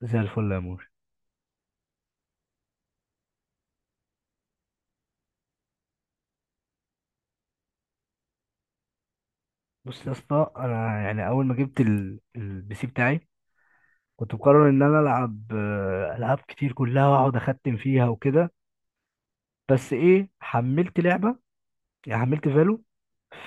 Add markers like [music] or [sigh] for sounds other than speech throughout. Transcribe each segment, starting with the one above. زي الفل يا مور. بص يا اسطى، انا يعني اول ما جبت البي سي بتاعي كنت مقرر ان انا العب العاب كتير كلها واقعد اختم فيها وكده. بس ايه، حملت لعبه، يعني حملت فالو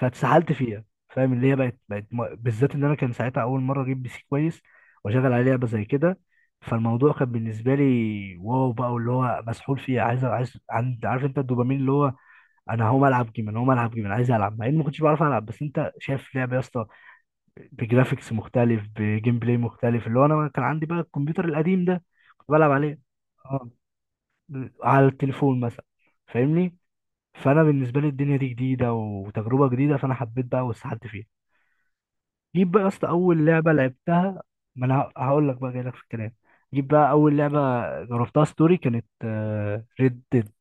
فاتسحلت فيها. فاهم اللي هي بقت بالذات ان انا كان ساعتها اول مره اجيب بي سي كويس واشغل عليه لعبه زي كده. فالموضوع كان بالنسبه لي واو بقى، واللي هو مسحول فيه، عارف انت الدوبامين اللي هو انا هقوم العب جيم، انا هقوم العب جيم، انا عايز العب مع اني ما كنتش بعرف العب. بس انت شايف لعبه يا اسطى بجرافيكس مختلف بجيم بلاي مختلف، اللي هو انا كان عندي بقى الكمبيوتر القديم ده كنت بلعب عليه، اه، على التليفون مثلا، فاهمني؟ فانا بالنسبه لي الدنيا دي جديده وتجربه جديده، فانا حبيت بقى واستحدت فيها. جيت بقى يا اسطى اول لعبه لعبتها، ما انا هقول لك بقى جاي لك في الكلام. جيت بقى اول لعبه جربتها ستوري كانت ريد ديد،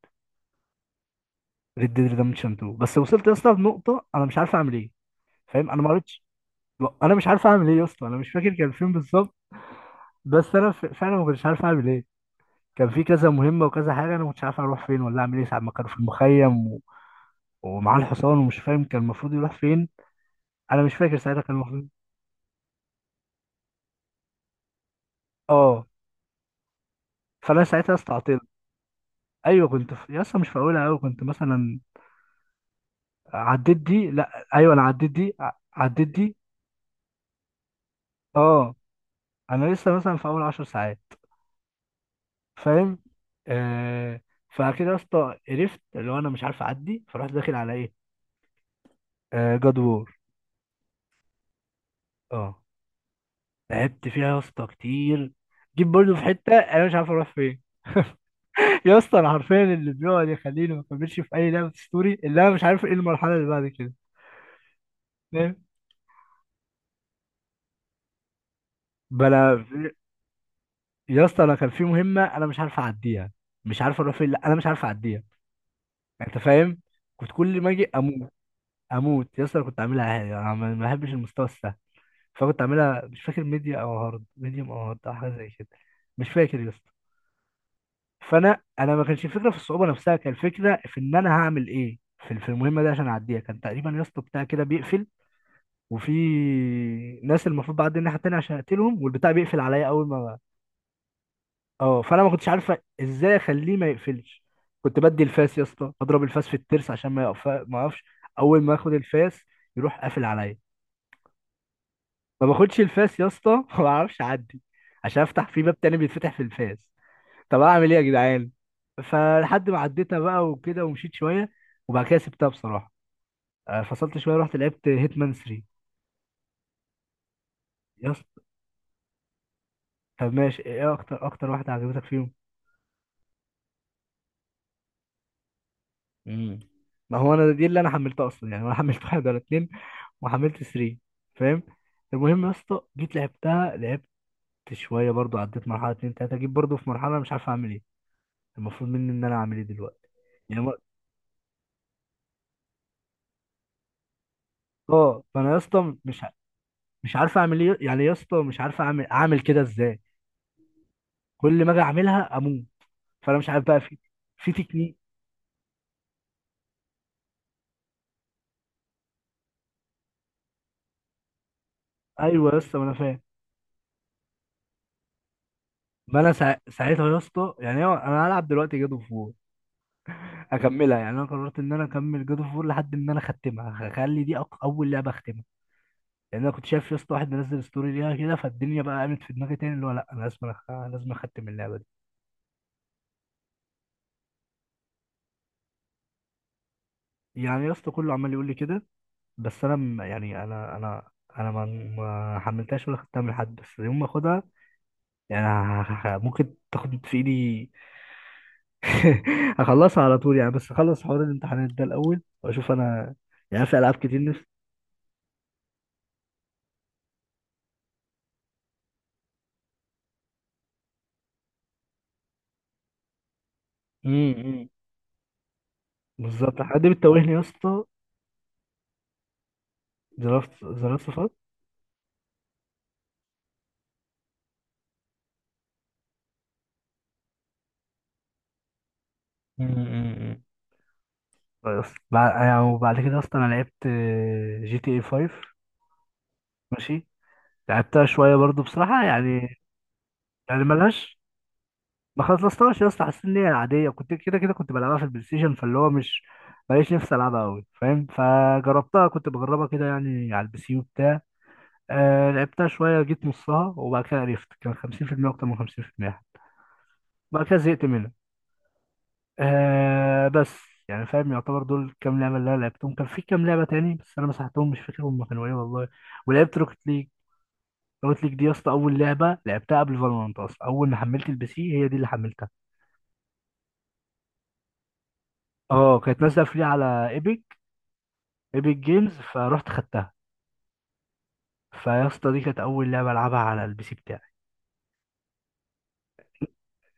ريد ديد ريدمشن 2، بس وصلت يا اسطى لنقطه انا مش عارف اعمل ايه. فاهم، انا ما قريتش. انا مش عارف اعمل ايه يا اسطى، انا مش فاكر كان فين بالظبط. بس انا فعلا ما كنتش عارف اعمل ايه. كان في كذا مهمه وكذا حاجه، انا ما كنتش عارف اروح فين ولا اعمل ايه ساعه ما كانوا في المخيم ومعاه الحصان ومش فاهم كان المفروض يروح فين. انا مش فاكر ساعتها كان المفروض. اه. فانا ساعتها استعطلت. ايوه يا اسطى مش في اولها قوي، كنت مثلا عديت دي، لا ايوه انا عديت دي، عديت دي. اه. انا لسه مثلا في اول 10 ساعات، فاهم؟ آه... فكده يا اسطى قرفت، اللي هو انا مش عارف اعدي، فرحت داخل على ايه؟ آه، جاد وور. اه، لعبت فيها يا اسطى كتير، جيت برضه في حته انا مش عارف اروح فين. [laughs] يا اسطى انا حرفيا اللي بيقعد يخليني ما اكملش في اي لعبه ستوري اللي انا مش عارف ايه المرحله اللي بعد كده. فاهم؟ بلا في- يا اسطى انا كان في مهمه انا مش عارف اعديها، مش عارف اروح فين، لا انا مش عارف اعديها. انت فاهم؟ كنت كل ما اجي اموت. اموت يا اسطى. أنا كنت اعملها عادي، انا ما بحبش المستوى السهل، فكنت اعملها، مش فاكر ميديا او هارد، ميديوم او هارد او حاجه زي كده، مش فاكر يا اسطى. فانا ما كانش الفكره في الصعوبه نفسها، كان الفكره في ان انا هعمل ايه في المهمه دي عشان اعديها. كان تقريبا يا اسطى بتاع كده بيقفل، وفي ناس المفروض بعدي الناحيه التانيه عشان اقتلهم، والبتاع بيقفل عليا اول ما، اه، فانا ما كنتش عارفه ازاي اخليه ما يقفلش. كنت بدي الفاس يا اسطى اضرب الفاس في الترس عشان ما يقف ما اقفش. اول ما اخد الفاس يروح قافل عليا. ما باخدش الفاس يا اسطى [laughs] ما بعرفش اعدي، عشان افتح في باب تاني بيتفتح في الفاس. طب اعمل ايه يا جدعان؟ فلحد ما عديتها بقى وكده ومشيت شويه، وبعد كده سبتها بصراحه. فصلت شويه رحت لعبت هيتمان 3. يا اسطى طب ماشي، ايه اكتر واحده عجبتك فيهم؟ امم، ما هو انا دي اللي انا حملتها اصلا، يعني انا حملت [laughs] واحد ولا اتنين، وحملت 3. فاهم؟ المهم يا اسطى جيت لعبتها، لعبت شويه برضو، عديت مرحله اتنين تلاته، جيت برضو في مرحله مش عارف اعمل ايه، المفروض مني ان انا اعمل ايه دلوقتي. يعني ما- اه فانا يا اسطى مش عارف اعمل ايه، يعني يا اسطى مش عارف اعمل كده ازاي. كل ما اجي اعملها اموت. فانا مش عارف بقى في في تكنيك. ايوه يا اسطى ما انا فاهم. ما انا سا... ساعتها يا اسطى يعني انا هلعب دلوقتي جاد اوف وور اكملها، يعني انا قررت ان انا اكمل جاد اوف وور لحد ما انا اختمها، هخلي دي اول لعبه اختمها، لان انا كنت شايف يا اسطى واحد منزل ستوري ليها كده، فالدنيا بقى قامت في دماغي تاني اللي هو لا انا لازم لازم اختم اللعبه دي. يعني يا اسطى كله عمال يقول لي كده، بس انا يعني انا ما حملتهاش ولا خدتها من حد، بس يوم ما اخدها يعني ممكن تاخد في ايدي، [laughs] هخلصها على طول يعني، بس اخلص حوار الامتحانات ده الاول واشوف انا، يعني في العاب كتير نفسي. مم، مم. بالظبط، حد بتتوهني يا اسطى. زرافت، زرافت فات. مم، مم، مم. بس بعد يعني، وبعد كده اصلا انا لعبت جي تي اي 5. ماشي. لعبتها شويه برضو بصراحه يعني، يعني ملهاش، ما خلصتهاش يا اسطى. حسيت ان هي عاديه، كنت كده كده كنت بلعبها في البلاي ستيشن، فاللي هو مش ماليش نفسي العبها قوي، فاهم؟ فجربتها كنت بجربها كده يعني على البي سي وبتاع. آه، لعبتها شوية، جيت نصها وبعد كده عرفت كان 50%، أكتر من 50%. بعد كده زهقت منها. آه بس. يعني فاهم، يعتبر دول كام لعبة اللي أنا لعبتهم. كان في كام لعبة تاني بس أنا مسحتهم، مش فاكر هما كانوا إيه والله. ولعبت روكت ليج. روكت ليج دي يا اسطى أول لعبة لعبتها قبل فالورانت أصلا، أول ما حملت البي سي هي دي اللي حملتها. أه كانت نازلة فري على إيبك، إيبك جيمز، فرحت خدتها. فيا اسطى دي كانت أول لعبة ألعبها على البي سي بتاعي.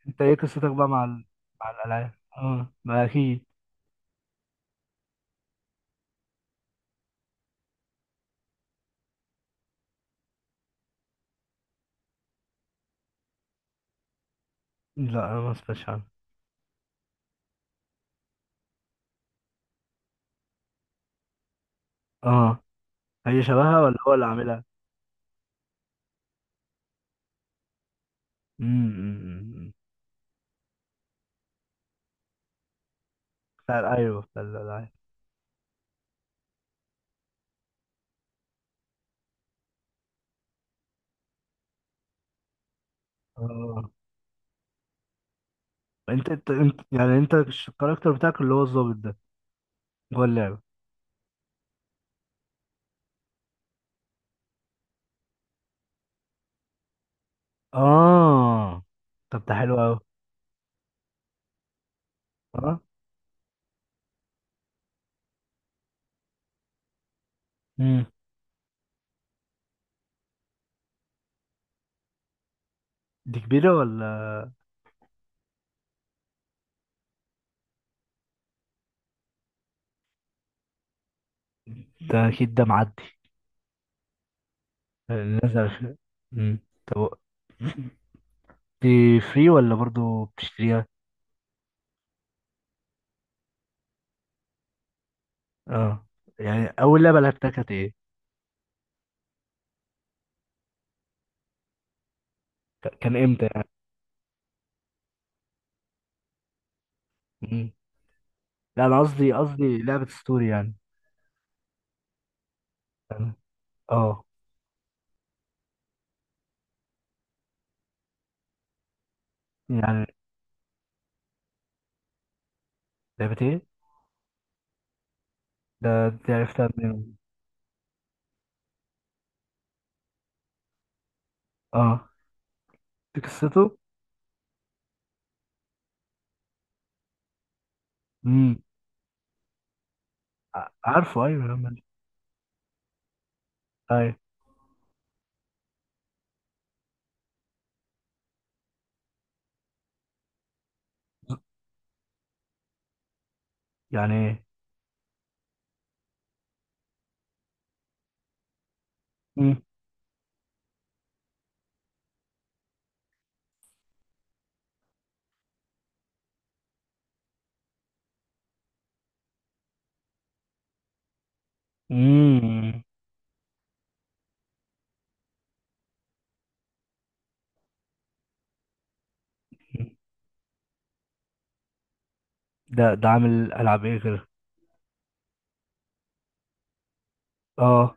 أنت إيه قصتك بقى مع ال... مع الألعاب؟ أه ما أكيد. لا أنا ما سمعتش. اه، هي شبهها ولا هو اللي عاملها؟ امم، أمم. بتاع، ايوه، بتاع الالعاب. اه، انت يعني انت الكاركتر بتاعك اللي هو الظابط ده هو اللعبة؟ اه. طب ده حلو قوي. اه. امم. دي كبيرة ولا؟ ده اكيد ده معدي. نزل في- امم. طب و- دي فري ولا برضو بتشتريها؟ اه. يعني اول لعبة لعبتها كانت ايه؟ كان امتى يعني؟ امم. لا انا قصدي، قصدي لعبة ستوري يعني. أنا- اه. يعني لعبة ايه؟ ده دي عرفتها منين؟ اه. دي قصته؟ امم. عارفه، ايوه يا عم. ايوه. يعني ايه؟ امم. امم. ده ده عامل العاب ايه غير؟ اه.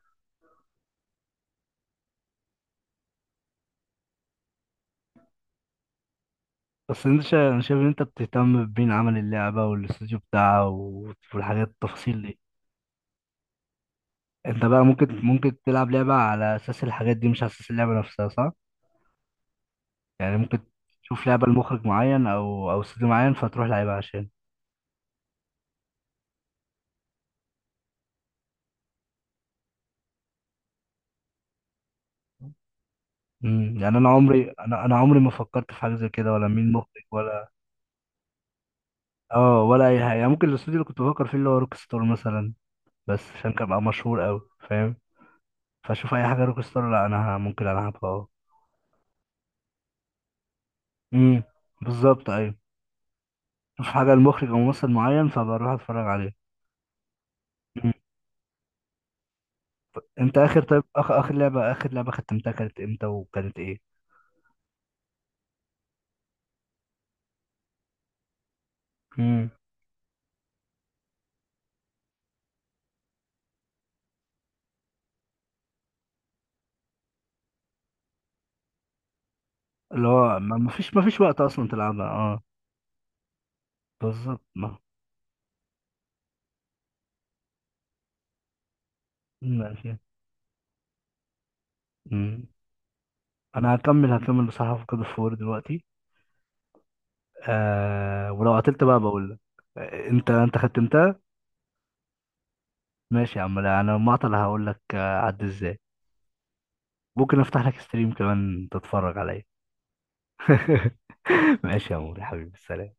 بس انا شايف ان انت بتهتم بمين عمل اللعبه والاستوديو بتاعها والحاجات التفاصيل دي. انت بقى ممكن تلعب لعبه على اساس الحاجات دي مش على اساس اللعبه نفسها، صح؟ يعني ممكن تشوف لعبه لمخرج معين او استوديو معين فتروح لعبها عشان، امم. يعني انا عمري، انا عمري ما فكرت في حاجه زي كده، ولا مين مخرج ولا. اه، ولا اي حاجه يعني، ممكن الاستوديو اللي كنت بفكر فيه اللي هو روك ستار مثلا، بس عشان كان بقى مشهور قوي، فاهم؟ فاشوف اي حاجه روك ستار لا انا ممكن العبها، اه. امم. بالظبط، ايوه. شوف حاجه المخرج او ممثل معين فبروح اتفرج عليه. مم. انت اخر، طيب اخر لعبه، اخر لعبه ختمتها كانت امتى وكانت ايه؟ امم. اللي هو ما فيش ما فيش وقت اصلا تلعبها، اه. بالظبط، ما ماشي. امم. انا هكمل، هكمل بصراحه في كود اوف وور دلوقتي. آه ولو قتلت بقى بقول لك. آه، انت انت ختمتها؟ ماشي يا عم. لا انا المعطل هقول لك، آه، عد ازاي. ممكن افتح لك ستريم كمان تتفرج عليا. [laughs] ماشي يا عمور يا حبيبي، سلام.